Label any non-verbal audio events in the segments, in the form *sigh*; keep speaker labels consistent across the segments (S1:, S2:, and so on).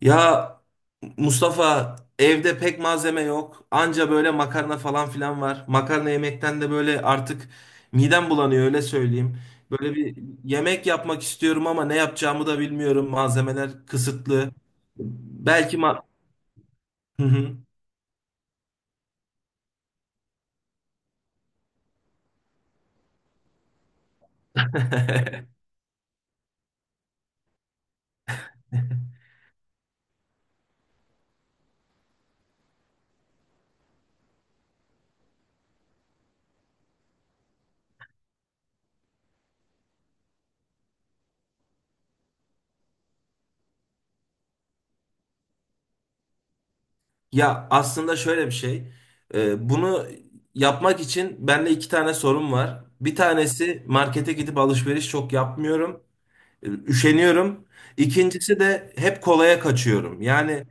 S1: Ya Mustafa, evde pek malzeme yok. Anca böyle makarna falan filan var. Makarna yemekten de böyle artık midem bulanıyor, öyle söyleyeyim. Böyle bir yemek yapmak istiyorum ama ne yapacağımı da bilmiyorum. Malzemeler kısıtlı. Belki ma Hı hı. *laughs* Ya aslında şöyle bir şey. Bunu yapmak için bende iki tane sorun var. Bir tanesi markete gidip alışveriş çok yapmıyorum. Üşeniyorum. İkincisi de hep kolaya kaçıyorum. Yani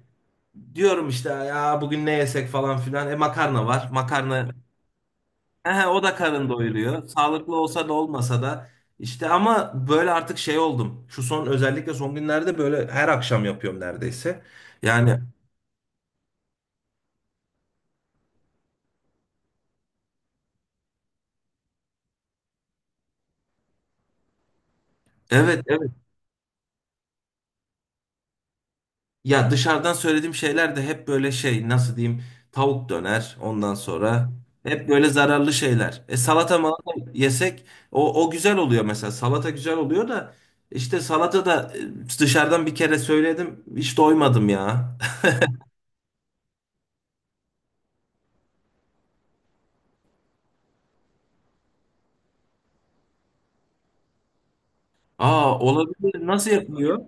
S1: diyorum işte ya bugün ne yesek falan filan. E makarna var. Makarna Ehe, o da karın doyuruyor. Sağlıklı olsa da olmasa da işte, ama böyle artık şey oldum. Şu son, özellikle son günlerde böyle her akşam yapıyorum neredeyse. Yani evet, evet. Ya dışarıdan söylediğim şeyler de hep böyle şey, nasıl diyeyim, tavuk döner, ondan sonra hep böyle zararlı şeyler. E salata malata yesek o, o güzel oluyor, mesela salata güzel oluyor da işte salata da dışarıdan bir kere söyledim, hiç doymadım ya. *laughs* Aa, olabilir, nasıl yapılıyor?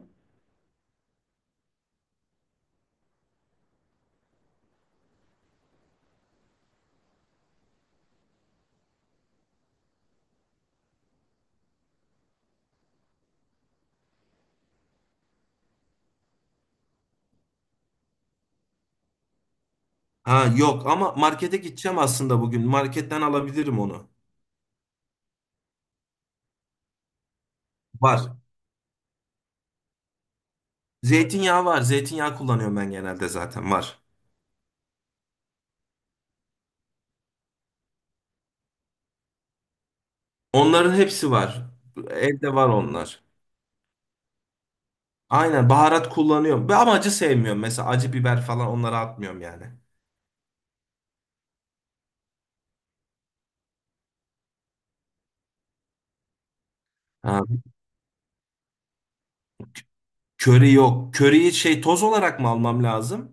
S1: Ha yok, ama markete gideceğim aslında bugün, marketten alabilirim onu. Var. Zeytinyağı var. Zeytinyağı kullanıyorum ben genelde, zaten var. Onların hepsi var. Evde var onlar. Aynen, baharat kullanıyorum. Ve ama acı sevmiyorum. Mesela acı biber falan, onları atmıyorum yani. Ha, köri yok. Köriyi şey, toz olarak mı almam lazım?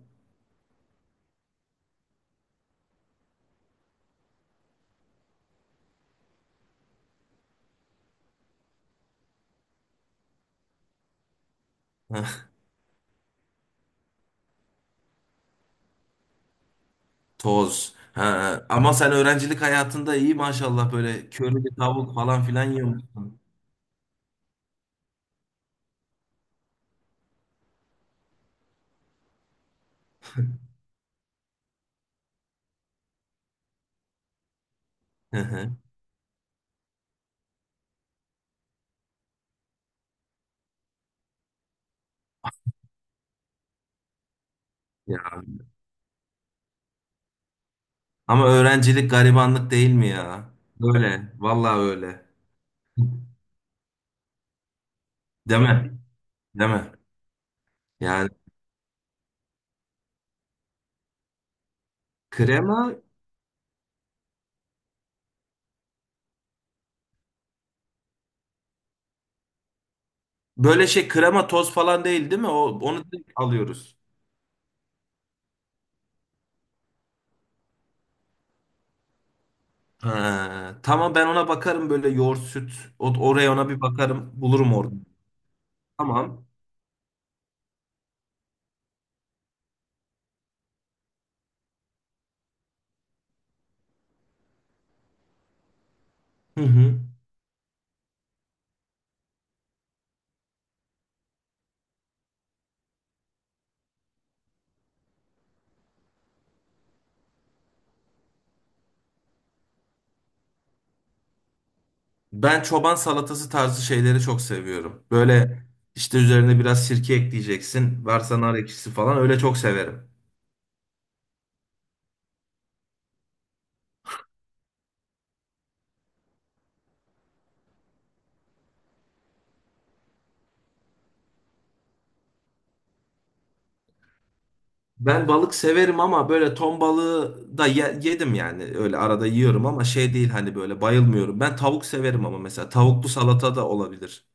S1: Hah, toz. Ha, ama sen öğrencilik hayatında iyi maşallah böyle körili tavuk falan filan yiyormuşsun. Hı hı. Ya. Ama öğrencilik garibanlık değil mi ya? Öyle. Vallahi öyle. Değil mi? Değil mi? Yani krema böyle şey, krema toz falan değil, değil mi? O, onu direkt alıyoruz. Ha, tamam, ben ona bakarım, böyle yoğurt süt. O, oraya, ona bir bakarım. Bulurum orada. Tamam. Hı hı. Ben çoban salatası tarzı şeyleri çok seviyorum. Böyle işte üzerine biraz sirke ekleyeceksin. Varsa nar ekşisi falan, öyle çok severim. Ben balık severim ama böyle ton balığı da yedim yani. Öyle arada yiyorum ama şey değil, hani böyle bayılmıyorum. Ben tavuk severim, ama mesela tavuklu salata da olabilir.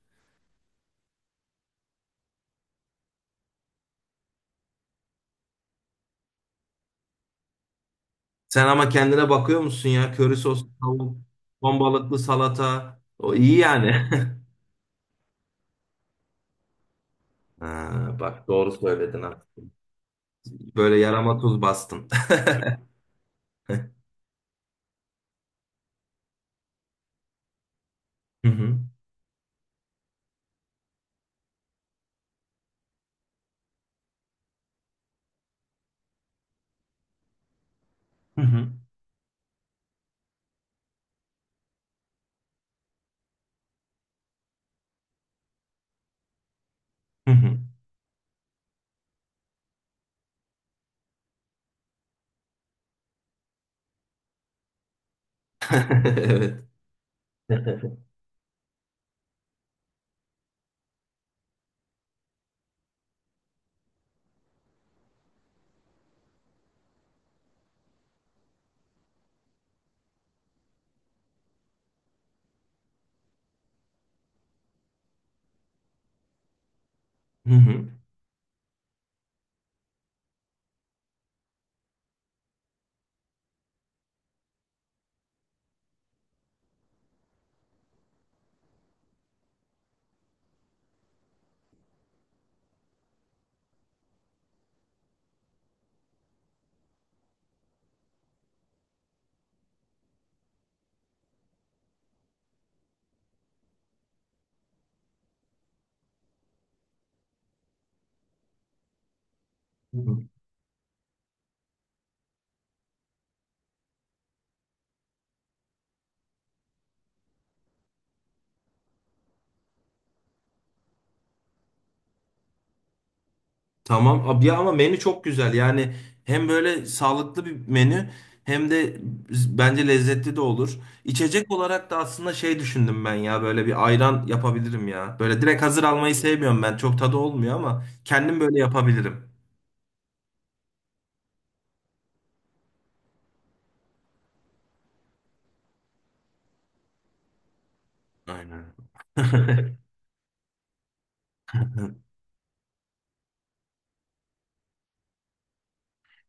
S1: Sen ama kendine bakıyor musun ya? Köri soslu tavuk, ton balıklı salata. O iyi yani. *laughs* Ha, bak, doğru söyledin ha. Böyle yarama tuz bastın. *laughs* Hı hı. Hı hı. Hı hı. *laughs* Evet. *laughs* Hı hı. Tamam abi ya, ama menü çok güzel. Yani hem böyle sağlıklı bir menü hem de bence lezzetli de olur. İçecek olarak da aslında şey düşündüm ben, ya böyle bir ayran yapabilirim ya. Böyle direkt hazır almayı sevmiyorum ben. Çok tadı olmuyor, ama kendim böyle yapabilirim. Aynen. *laughs*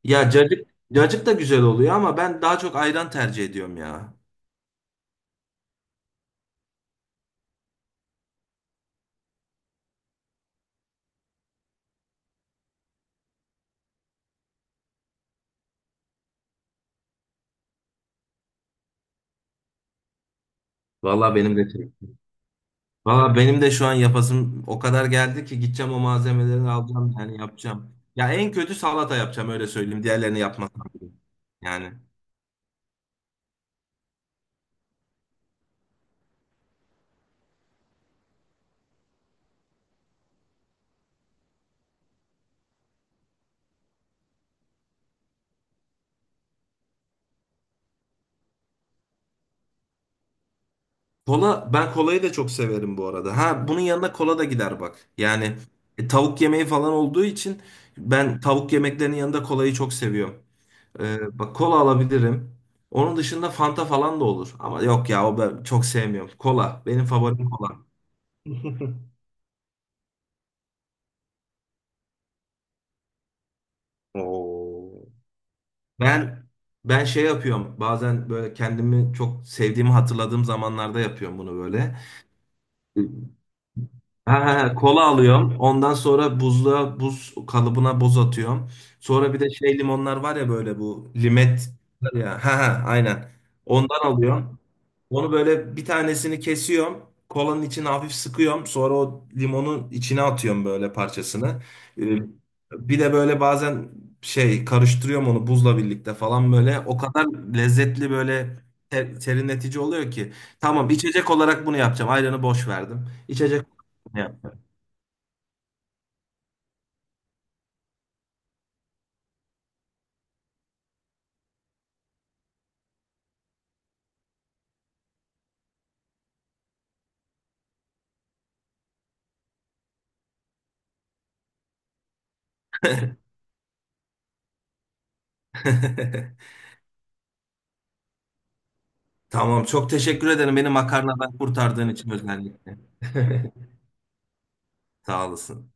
S1: Ya cacık, cacık da güzel oluyor ama ben daha çok ayran tercih ediyorum ya. Vallahi benim de. Valla benim de şu an yapasım o kadar geldi ki, gideceğim, o malzemeleri alacağım, yani yapacağım. Ya en kötü salata yapacağım, öyle söyleyeyim. Diğerlerini yapmasam bile. Yani kola, ben kolayı da çok severim bu arada. Ha bunun yanına kola da gider bak. Yani tavuk yemeği falan olduğu için ben tavuk yemeklerinin yanında kolayı çok seviyorum. Bak, kola alabilirim. Onun dışında Fanta falan da olur. Ama yok ya, o ben çok sevmiyorum. Kola benim favorim, kola. *laughs* Oo. Ben ben şey yapıyorum. Bazen böyle kendimi çok sevdiğimi hatırladığım zamanlarda yapıyorum bunu böyle. Ha, ha, ha, kola alıyorum. Ondan sonra buzluğa, buz kalıbına buz atıyorum. Sonra bir de şey, limonlar var ya böyle, bu limet var ya. Ha, ha, aynen. Ondan alıyorum. Onu böyle, bir tanesini kesiyorum. Kolanın içine hafif sıkıyorum. Sonra o limonun içine atıyorum böyle parçasını. Ee, Bir de böyle bazen şey, karıştırıyorum onu buzla birlikte falan böyle. O kadar lezzetli böyle, serinletici oluyor ki. Tamam, içecek olarak bunu yapacağım. Ayranı boş verdim. İçecek olarak bunu yapacağım. *laughs* Tamam, çok teşekkür ederim beni makarnadan kurtardığın için özellikle. *laughs* Sağ olasın.